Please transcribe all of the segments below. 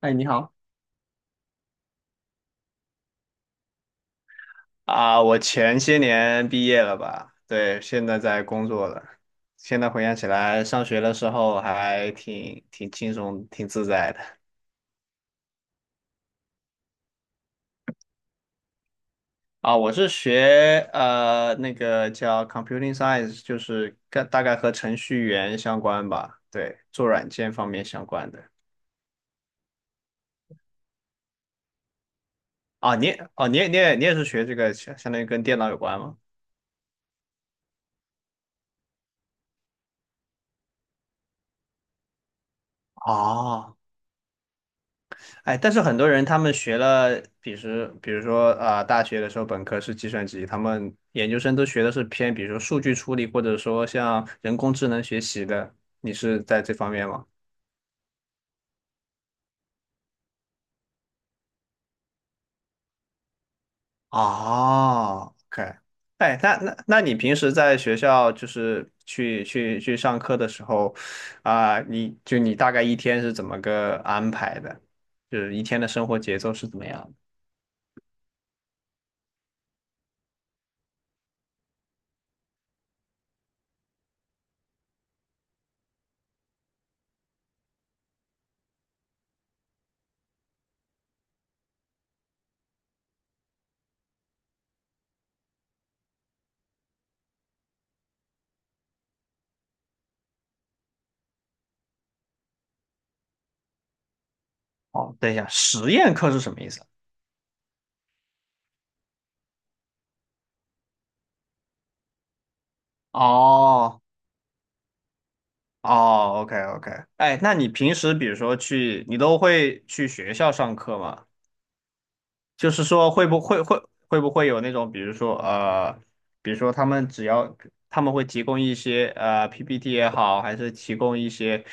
哎，你好。啊，我前些年毕业了吧？对，现在在工作了。现在回想起来，上学的时候还挺轻松、挺自在的。啊，我是学那个叫 computing science，就是跟大概和程序员相关吧。对，做软件方面相关的。啊，你也哦，你也是学这个，相当于跟电脑有关吗？哦。哎，但是很多人他们学了，比如说啊、大学的时候本科是计算机，他们研究生都学的是偏，比如说数据处理，或者说像人工智能学习的。你是在这方面吗？哦， O K。 哎，那你平时在学校就是去上课的时候，啊、你大概一天是怎么个安排的？就是一天的生活节奏是怎么样的？哦，等一下，实验课是什么意思？哦哦，OK OK。哎，那你平时比如说去，你都会去学校上课吗？就是说会不会有那种，比如说他们只要他们会提供一些PPT 也好，还是提供一些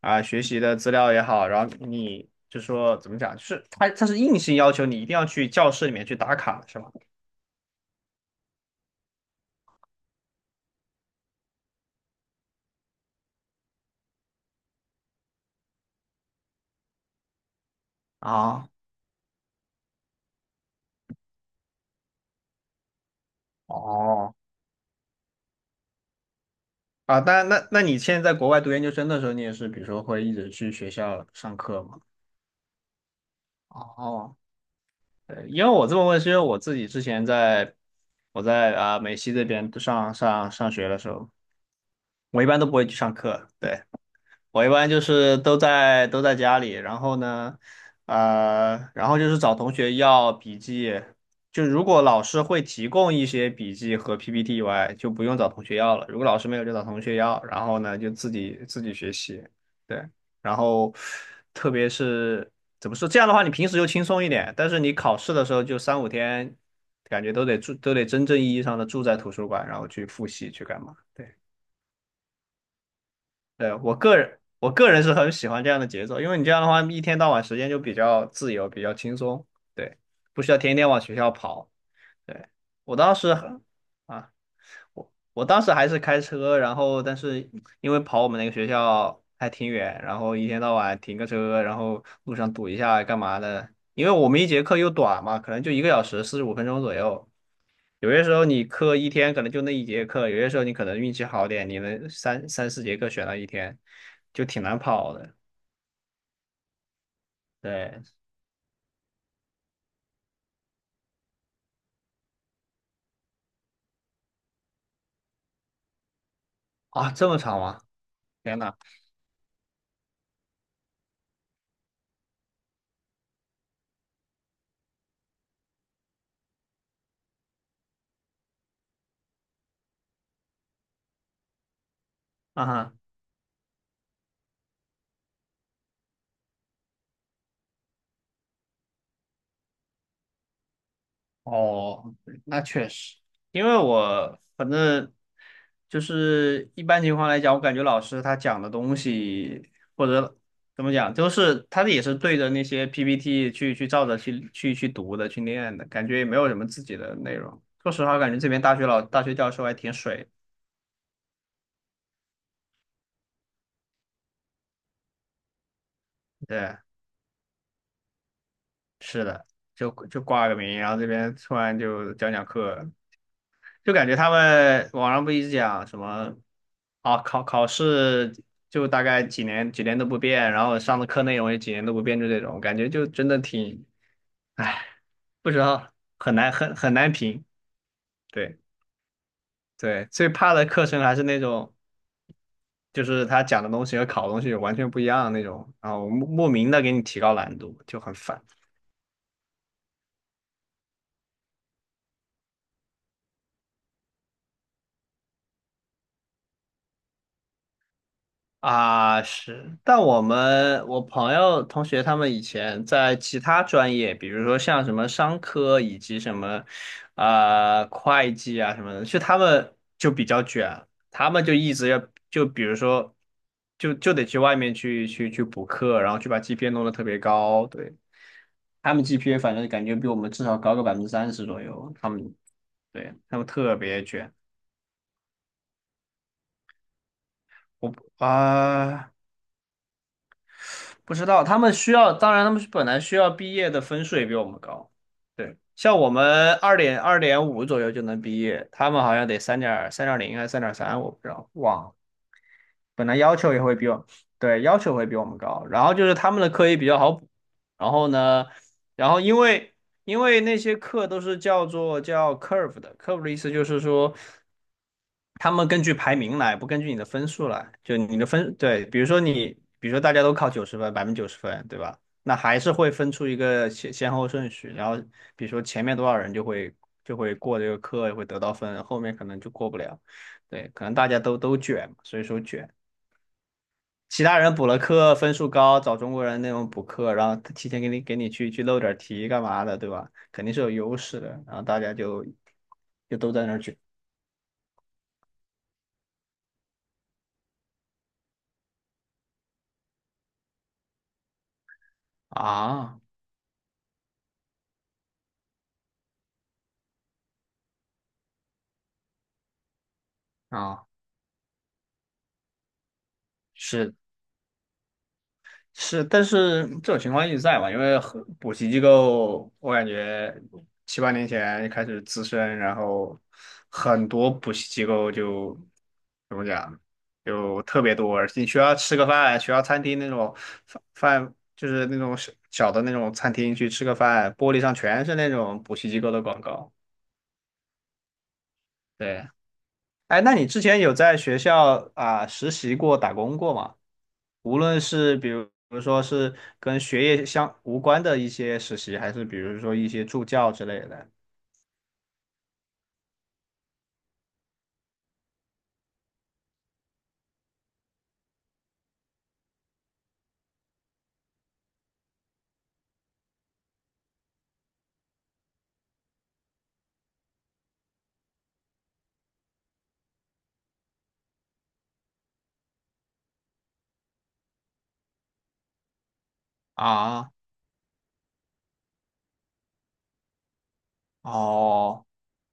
啊、学习的资料也好，然后你就说怎么讲，就是他是硬性要求你一定要去教室里面去打卡，是吗？啊。哦。啊，那你现在在国外读研究生的时候，你也是比如说会一直去学校上课吗？哦，对，因为我这么问，是因为我自己之前在我啊、美西这边上学的时候，我一般都不会去上课。对。我一般就是都在家里，然后呢，呃，然后就是找同学要笔记，就如果老师会提供一些笔记和 PPT 以外，就不用找同学要了；如果老师没有，就找同学要，然后呢，就自己学习。对，然后特别是怎么说，这样的话你平时就轻松一点，但是你考试的时候就3、5天，感觉都得住，都得真正意义上的住在图书馆，然后去复习去干嘛。对。对，我个人，我个人是很喜欢这样的节奏，因为你这样的话，一天到晚时间就比较自由，比较轻松。对，不需要天天往学校跑。对，我当时很啊。我当时还是开车，然后但是因为跑我们那个学校还挺远，然后一天到晚停个车，然后路上堵一下干嘛的？因为我们一节课又短嘛，可能就1个小时45分钟左右。有些时候你课一天可能就那一节课，有些时候你可能运气好点，你能三四节课选了一天，就挺难跑的。对啊，这么长吗？天呐！啊哈。哦，那确实，因为我反正就是一般情况来讲，我感觉老师他讲的东西或者怎么讲，就是他也是对着那些 PPT 去照着去读的去念的，感觉也没有什么自己的内容。说实话，感觉这边大学教授还挺水。对，是的，就挂个名，然后这边突然就讲讲课，就感觉他们网上不一直讲什么啊，考试就大概几年几年都不变，然后上的课内容也几年都不变，就这种感觉，就真的挺，唉，不知道很难很难评。对对，最怕的课程还是那种，就是他讲的东西和考的东西完全不一样的那种，然后莫名的给你提高难度，就很烦。啊，是，但我朋友同学他们以前在其他专业，比如说像什么商科以及什么，呃，会计啊什么的，就他们就比较卷，他们就一直要就比如说，就得去外面去补课，然后去把 GPA 弄得特别高。对，他们 GPA 反正感觉比我们至少高个30%左右，他们对他们特别卷。我啊。不知道，他们需要，当然他们本来需要毕业的分数也比我们高。对，像我们二点二点五左右就能毕业，他们好像得三点三点零还是三点三，我不知道，忘了。本来要求也会比我，对，要求会比我们高。然后就是他们的课也比较好补，然后呢，然后因为那些课都是叫做叫 curve 的，curve 的意思就是说。他们根据排名来，不根据你的分数来。就你的分，对，比如说你，比如说大家都考九十分，90%分，对吧？那还是会分出一个先后顺序，然后比如说前面多少人就会就会过这个课，会得到分，后面可能就过不了。对，可能大家都卷嘛所以说卷。其他人补了课，分数高，找中国人那种补课，然后他提前给你去漏点题干嘛的，对吧？肯定是有优势的，然后大家就就都在那儿卷。啊啊。是是，但是这种情况一直在嘛，因为很补习机构，我感觉7、8年前开始滋生，然后很多补习机构就怎么讲，就特别多。你学校吃个饭，学校餐厅那种饭饭就是那种小小的那种餐厅去吃个饭，玻璃上全是那种补习机构的广告。对，哎，那你之前有在学校啊、实习过、打工过吗？无论是比如比如说是跟学业相无关的一些实习，还是比如说一些助教之类的啊？哦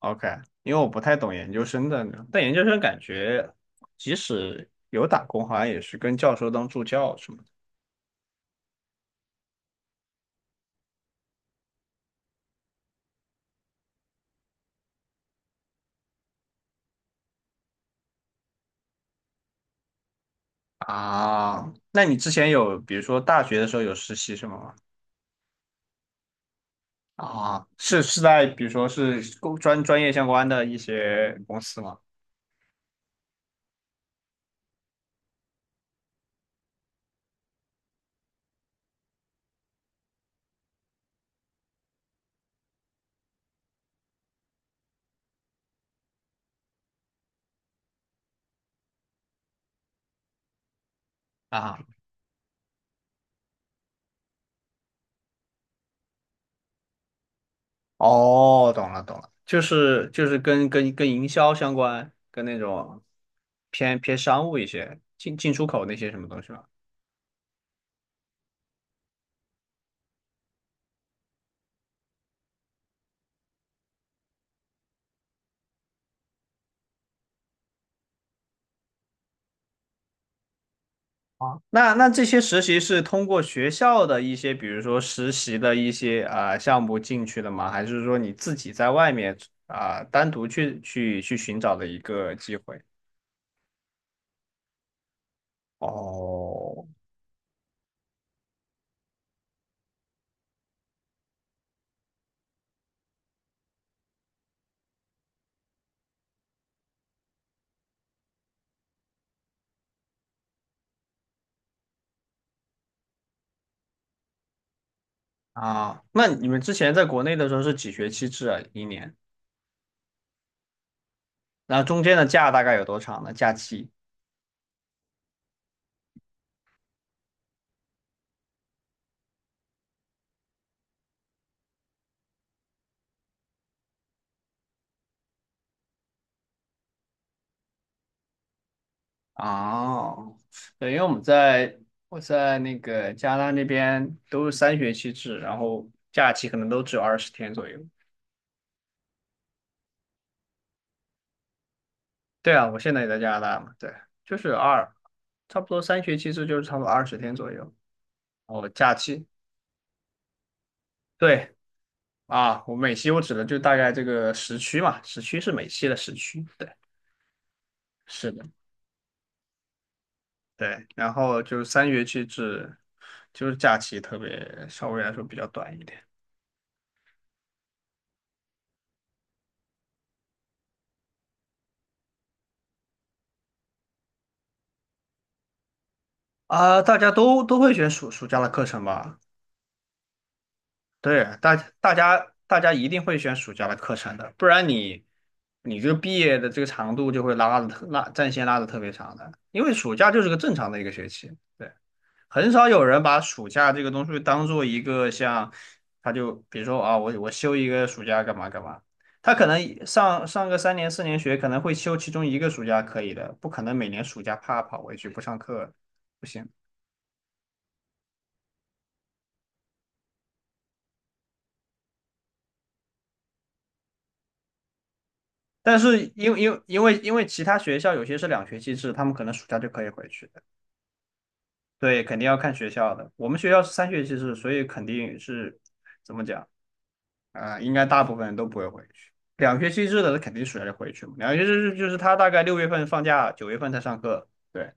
，OK,因为我不太懂研究生的，但研究生感觉即使有打工，好像也是跟教授当助教什么的啊。那你之前有比如说大学的时候有实习什么吗？啊，是是在比如说是工专业相关的一些公司吗？啊，哦，懂了懂了，就是就是跟营销相关，跟那种偏商务一些，进出口那些什么东西吧。啊，那那这些实习是通过学校的一些，比如说实习的一些啊、项目进去的吗？还是说你自己在外面啊、单独去寻找的一个机会？哦，啊，那你们之前在国内的时候是几学期制啊？一年，那中间的假大概有多长呢？假期？哦，对，因为我们在我在那个加拿大那边都是三学期制，然后假期可能都只有二十天左右。对啊，我现在也在加拿大嘛，对，就是二，差不多三学期制就是差不多二十天左右。哦，假期，对啊，我美期我指的就大概这个时区嘛，时区是美期的时区，对，是的，对，然后就是三学期制，就是假期特别稍微来说比较短一点。啊，大家都都会选暑假的课程吧？对，大家一定会选暑假的课程的，不然你你这个毕业的这个长度就会拉战线拉的特别长的，因为暑假就是个正常的一个学期，对，很少有人把暑假这个东西当做一个像，他就比如说啊，我休一个暑假干嘛干嘛，他可能上个3、4年学可能会休其中一个暑假可以的，不可能每年暑假啪跑回去不上课，不行。但是因为其他学校有些是两学期制，他们可能暑假就可以回去的。对，肯定要看学校的。我们学校是三学期制，所以肯定是怎么讲啊、呃应该大部分人都不会回去。两学期制的，肯定暑假就回去嘛。两学期制就是他大概6月份放假，9月份才上课。对，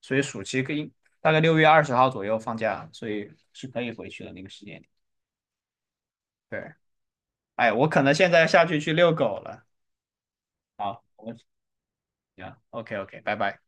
所以暑期可以大概6月20号左右放假，所以是可以回去的那个时间点。对，哎，我可能现在下去去遛狗了。好，行，OK OK,拜拜。